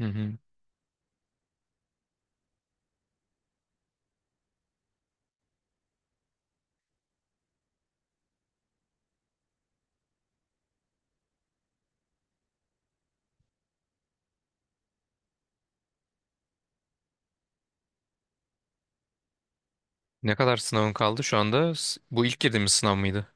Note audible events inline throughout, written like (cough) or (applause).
Hı hı. Ne kadar sınavın kaldı şu anda? Bu ilk girdiğimiz sınav mıydı?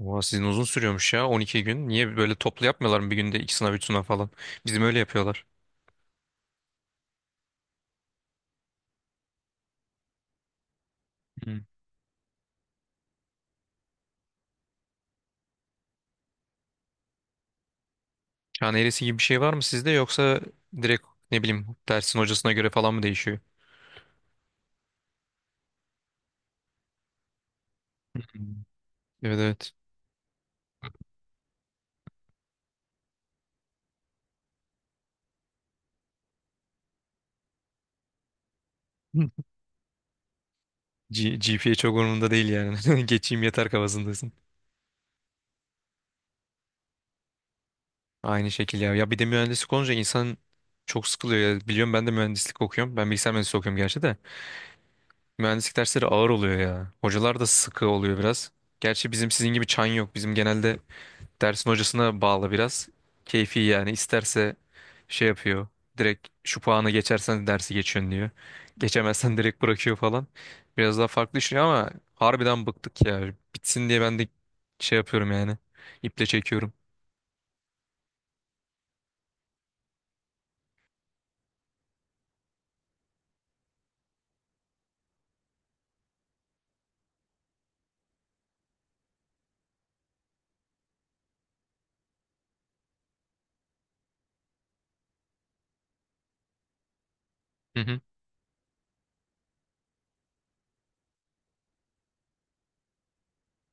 Oha sizin uzun sürüyormuş ya 12 gün. Niye böyle toplu yapmıyorlar mı bir günde iki sınav üç sınav falan? Bizim öyle yapıyorlar. Hı. Yani eresi gibi bir şey var mı sizde yoksa direkt ne bileyim dersin hocasına göre falan mı değişiyor? Hı. Evet evet. Hı. GPA çok umurumda değil yani. (laughs) Geçeyim yeter kafasındasın. Aynı şekil ya. Ya bir de mühendislik olunca insan çok sıkılıyor ya. Biliyorum ben de mühendislik okuyorum. Ben bilgisayar mühendisliği okuyorum gerçi de. Mühendislik dersleri ağır oluyor ya. Hocalar da sıkı oluyor biraz. Gerçi bizim sizin gibi çan yok. Bizim genelde dersin hocasına bağlı biraz. Keyfi yani isterse şey yapıyor. Direkt şu puanı geçersen dersi geçiyorsun diyor. Geçemezsen (laughs) direkt bırakıyor falan. Biraz daha farklı düşünüyor ama harbiden bıktık ya. Bitsin diye ben de şey yapıyorum yani. İple çekiyorum. Hı hı.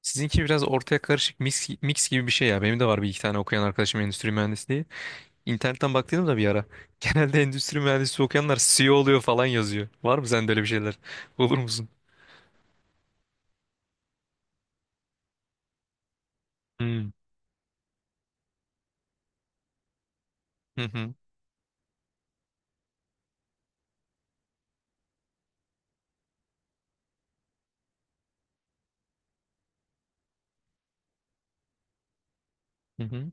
Sizinki biraz ortaya karışık mix gibi bir şey ya. Benim de var bir iki tane okuyan arkadaşım endüstri mühendisliği. İnternetten baktıydım da bir ara. (laughs) Genelde endüstri mühendisi okuyanlar CEO oluyor falan yazıyor. Var mı sende öyle bir şeyler? Olur musun? Hmm. Hı hı. Hı hı.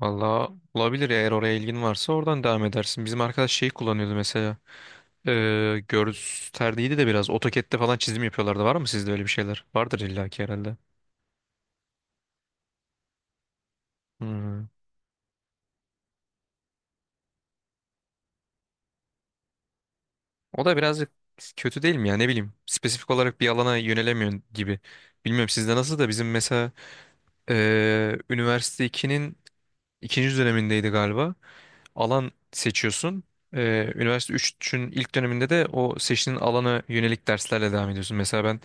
Valla olabilir eğer oraya ilgin varsa oradan devam edersin. Bizim arkadaş şeyi kullanıyordu mesela. Gösterdiydi de biraz. AutoCAD'de falan çizim yapıyorlardı. Var mı sizde öyle bir şeyler? Vardır illaki herhalde. Hmm. O da birazcık kötü değil mi ya ne bileyim. Spesifik olarak bir alana yönelemiyorsun gibi. Bilmiyorum sizde nasıl da bizim mesela üniversite 2'nin ikinci dönemindeydi galiba. Alan seçiyorsun. Üniversite 3'ün ilk döneminde de o seçtiğin alana yönelik derslerle devam ediyorsun. Mesela ben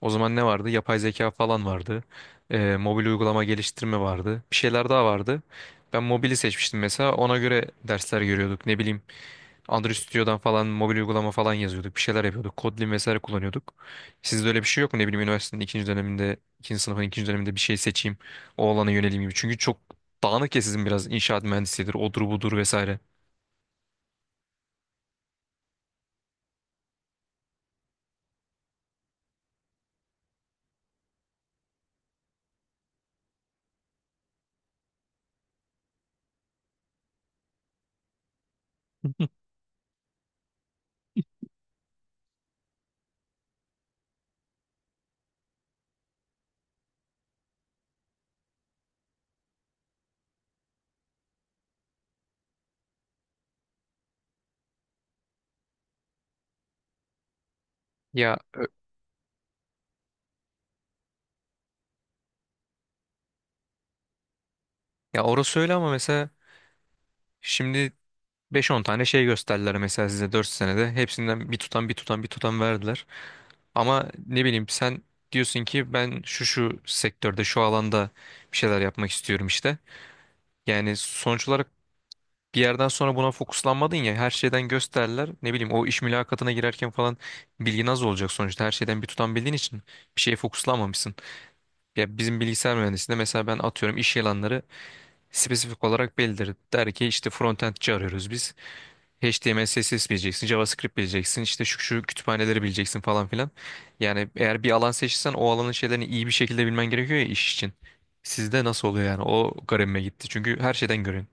o zaman ne vardı? Yapay zeka falan vardı. Mobil uygulama geliştirme vardı. Bir şeyler daha vardı. Ben mobili seçmiştim mesela. Ona göre dersler görüyorduk. Ne bileyim Android Studio'dan falan mobil uygulama falan yazıyorduk. Bir şeyler yapıyorduk. Kotlin vesaire kullanıyorduk. Sizde öyle bir şey yok mu? Ne bileyim üniversitenin ikinci döneminde, ikinci sınıfın ikinci döneminde bir şey seçeyim. O alana yöneleyim gibi. Çünkü çok dağınık ya sizin biraz inşaat mühendisidir, odur budur vesaire. Ya ya orası öyle ama mesela şimdi beş on tane şey gösterdiler mesela size 4 senede. Hepsinden bir tutam bir tutam bir tutam verdiler. Ama ne bileyim sen diyorsun ki ben şu şu sektörde şu alanda bir şeyler yapmak istiyorum işte. Yani sonuç olarak bir yerden sonra buna fokuslanmadın ya her şeyden gösterdiler. Ne bileyim o iş mülakatına girerken falan bilgin az olacak sonuçta. Her şeyden bir tutam bildiğin için bir şeye fokuslanmamışsın. Ya bizim bilgisayar mühendisliğinde mesela ben atıyorum iş ilanları spesifik olarak belirtir. Der ki işte frontendçi arıyoruz biz. HTML, CSS bileceksin, JavaScript bileceksin, işte şu şu kütüphaneleri bileceksin falan filan. Yani eğer bir alan seçsen o alanın şeylerini iyi bir şekilde bilmen gerekiyor ya iş için. Sizde nasıl oluyor yani? O garibime gitti. Çünkü her şeyden görün.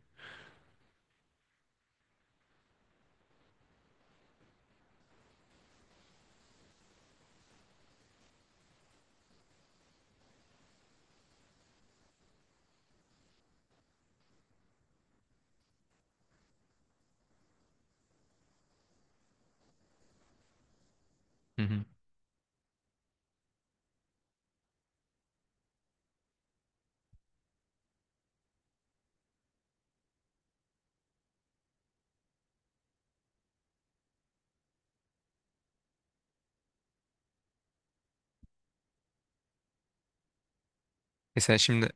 Hı hı. E sen şimdi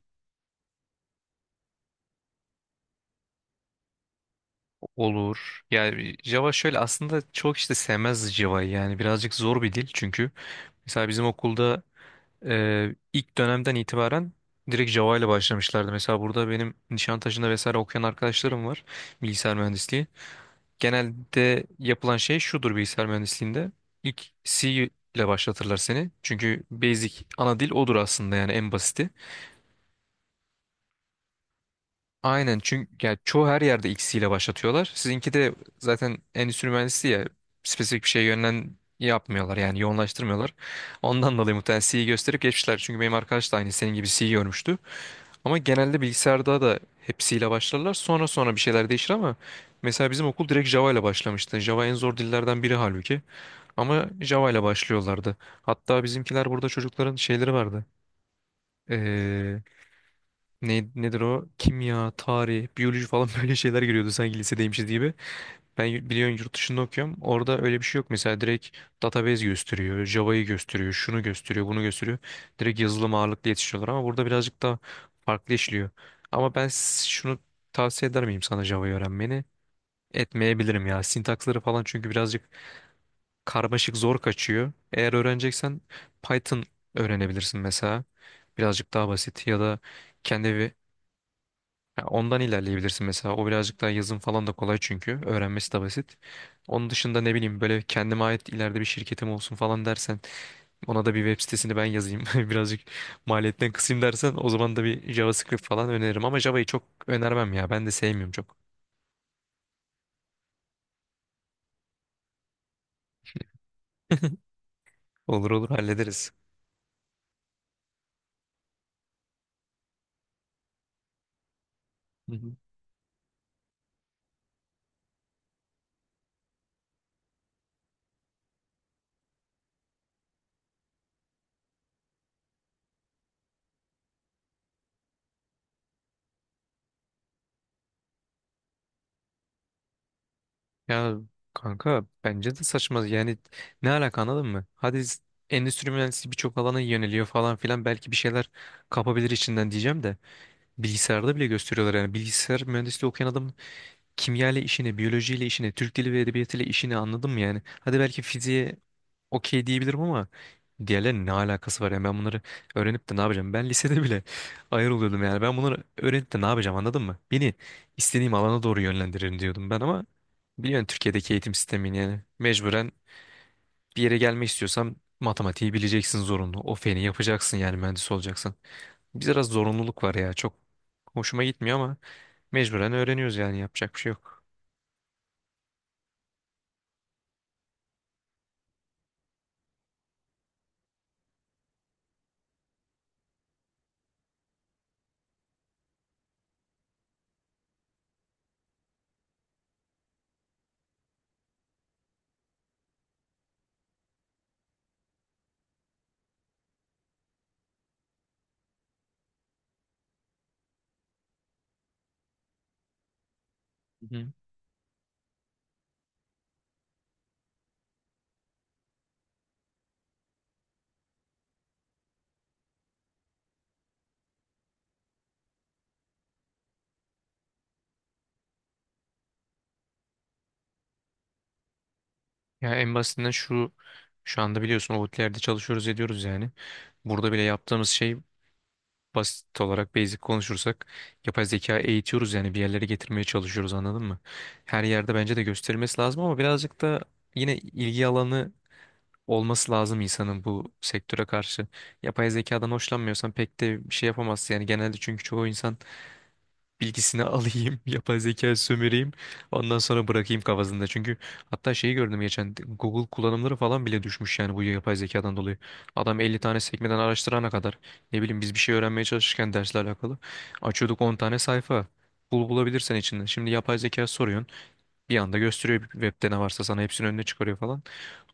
olur. Yani Java şöyle aslında çok işte sevmez Java'yı yani birazcık zor bir dil çünkü. Mesela bizim okulda ilk dönemden itibaren direkt Java ile başlamışlardı. Mesela burada benim Nişantaşı'nda vesaire okuyan arkadaşlarım var bilgisayar mühendisliği. Genelde yapılan şey şudur bilgisayar mühendisliğinde. İlk C ile başlatırlar seni. Çünkü basic ana dil odur aslında yani en basiti. Aynen çünkü yani çoğu her yerde X ile başlatıyorlar. Sizinki de zaten endüstri mühendisliği ya spesifik bir şeye yönlen yapmıyorlar yani yoğunlaştırmıyorlar. Ondan dolayı muhtemelen C'yi gösterip geçmişler. Çünkü benim arkadaş da aynı senin gibi C'yi görmüştü. Ama genelde bilgisayarda da hepsiyle başlarlar. Sonra bir şeyler değişir ama mesela bizim okul direkt Java ile başlamıştı. Java en zor dillerden biri halbuki. Ama Java ile başlıyorlardı. Hatta bizimkiler burada çocukların şeyleri vardı. Ee, nedir o? Kimya, tarih, biyoloji falan (laughs) böyle şeyler giriyordu sanki lisedeymişiz gibi. Biliyorsun yurt dışında okuyorum. Orada öyle bir şey yok. Mesela direkt database gösteriyor, Java'yı gösteriyor, şunu gösteriyor, bunu gösteriyor. Direkt yazılım ağırlıklı yetişiyorlar ama burada birazcık daha farklı işliyor. Şunu tavsiye eder miyim sana Java'yı öğrenmeni? Etmeyebilirim ya. Sintaksları falan çünkü birazcık karmaşık zor kaçıyor. Eğer öğreneceksen Python öğrenebilirsin mesela. Birazcık daha basit ya da kendi ya ondan ilerleyebilirsin mesela. O birazcık daha yazım falan da kolay çünkü. Öğrenmesi de basit. Onun dışında ne bileyim böyle kendime ait ileride bir şirketim olsun falan dersen ona da bir web sitesini ben yazayım. (laughs) Birazcık maliyetten kısayım dersen o zaman da bir JavaScript falan öneririm. Ama Java'yı çok önermem ya. Ben de sevmiyorum çok. (laughs) Olur olur hallederiz. Hı hı. Ya kanka bence de saçma. Yani ne alaka anladın mı? Endüstri mühendisliği birçok alana yöneliyor falan filan. Belki bir şeyler kapabilir içinden diyeceğim de. Bilgisayarda bile gösteriyorlar yani. Bilgisayar mühendisliği okuyan adam kimya ile işini, biyoloji ile işini, Türk dili ve edebiyatı ile işini anladım yani. Hadi belki fiziğe okey diyebilirim ama diğerlerinin ne alakası var yani ben bunları öğrenip de ne yapacağım? Ben lisede bile (laughs) ayar oluyordum yani. Ben bunları öğrenip de ne yapacağım anladın mı? Beni istediğim alana doğru yönlendirin diyordum ben ama biliyorsun Türkiye'deki eğitim sistemini yani mecburen bir yere gelmek istiyorsam matematiği bileceksin zorunlu. O feni yapacaksın yani mühendis olacaksın. Biraz zorunluluk var ya çok hoşuma gitmiyor ama mecburen öğreniyoruz yani yapacak bir şey yok. Hı. Ya en basitinden şu anda biliyorsun Outlier'de çalışıyoruz ediyoruz yani. Burada bile yaptığımız şey basit olarak basic konuşursak yapay zeka eğitiyoruz yani bir yerlere getirmeye çalışıyoruz anladın mı? Her yerde bence de gösterilmesi lazım ama birazcık da yine ilgi alanı olması lazım insanın bu sektöre karşı. Yapay zekadan hoşlanmıyorsan pek de bir şey yapamazsın yani genelde çünkü çoğu insan bilgisini alayım, (laughs) yapay zeka sömüreyim, ondan sonra bırakayım kafasında. Çünkü hatta şeyi gördüm geçen Google kullanımları falan bile düşmüş yani bu yapay zekadan dolayı. Adam 50 tane sekmeden araştırana kadar ne bileyim biz bir şey öğrenmeye çalışırken dersle alakalı açıyorduk 10 tane sayfa. Bul bulabilirsen içinden. Şimdi yapay zeka soruyorsun. Bir anda gösteriyor webde ne varsa sana hepsinin önüne çıkarıyor falan.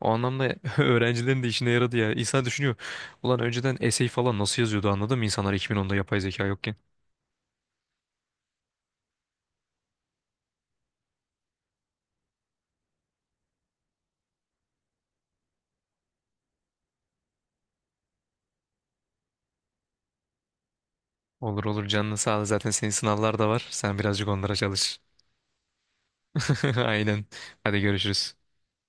O anlamda (laughs) öğrencilerin de işine yaradı ya. İnsan düşünüyor. Ulan önceden essay falan nasıl yazıyordu anladın mı insanlar 2010'da yapay zeka yokken? Olur olur canını sağ ol. Zaten senin sınavlar da var. Sen birazcık onlara çalış. (laughs) Aynen. Hadi görüşürüz.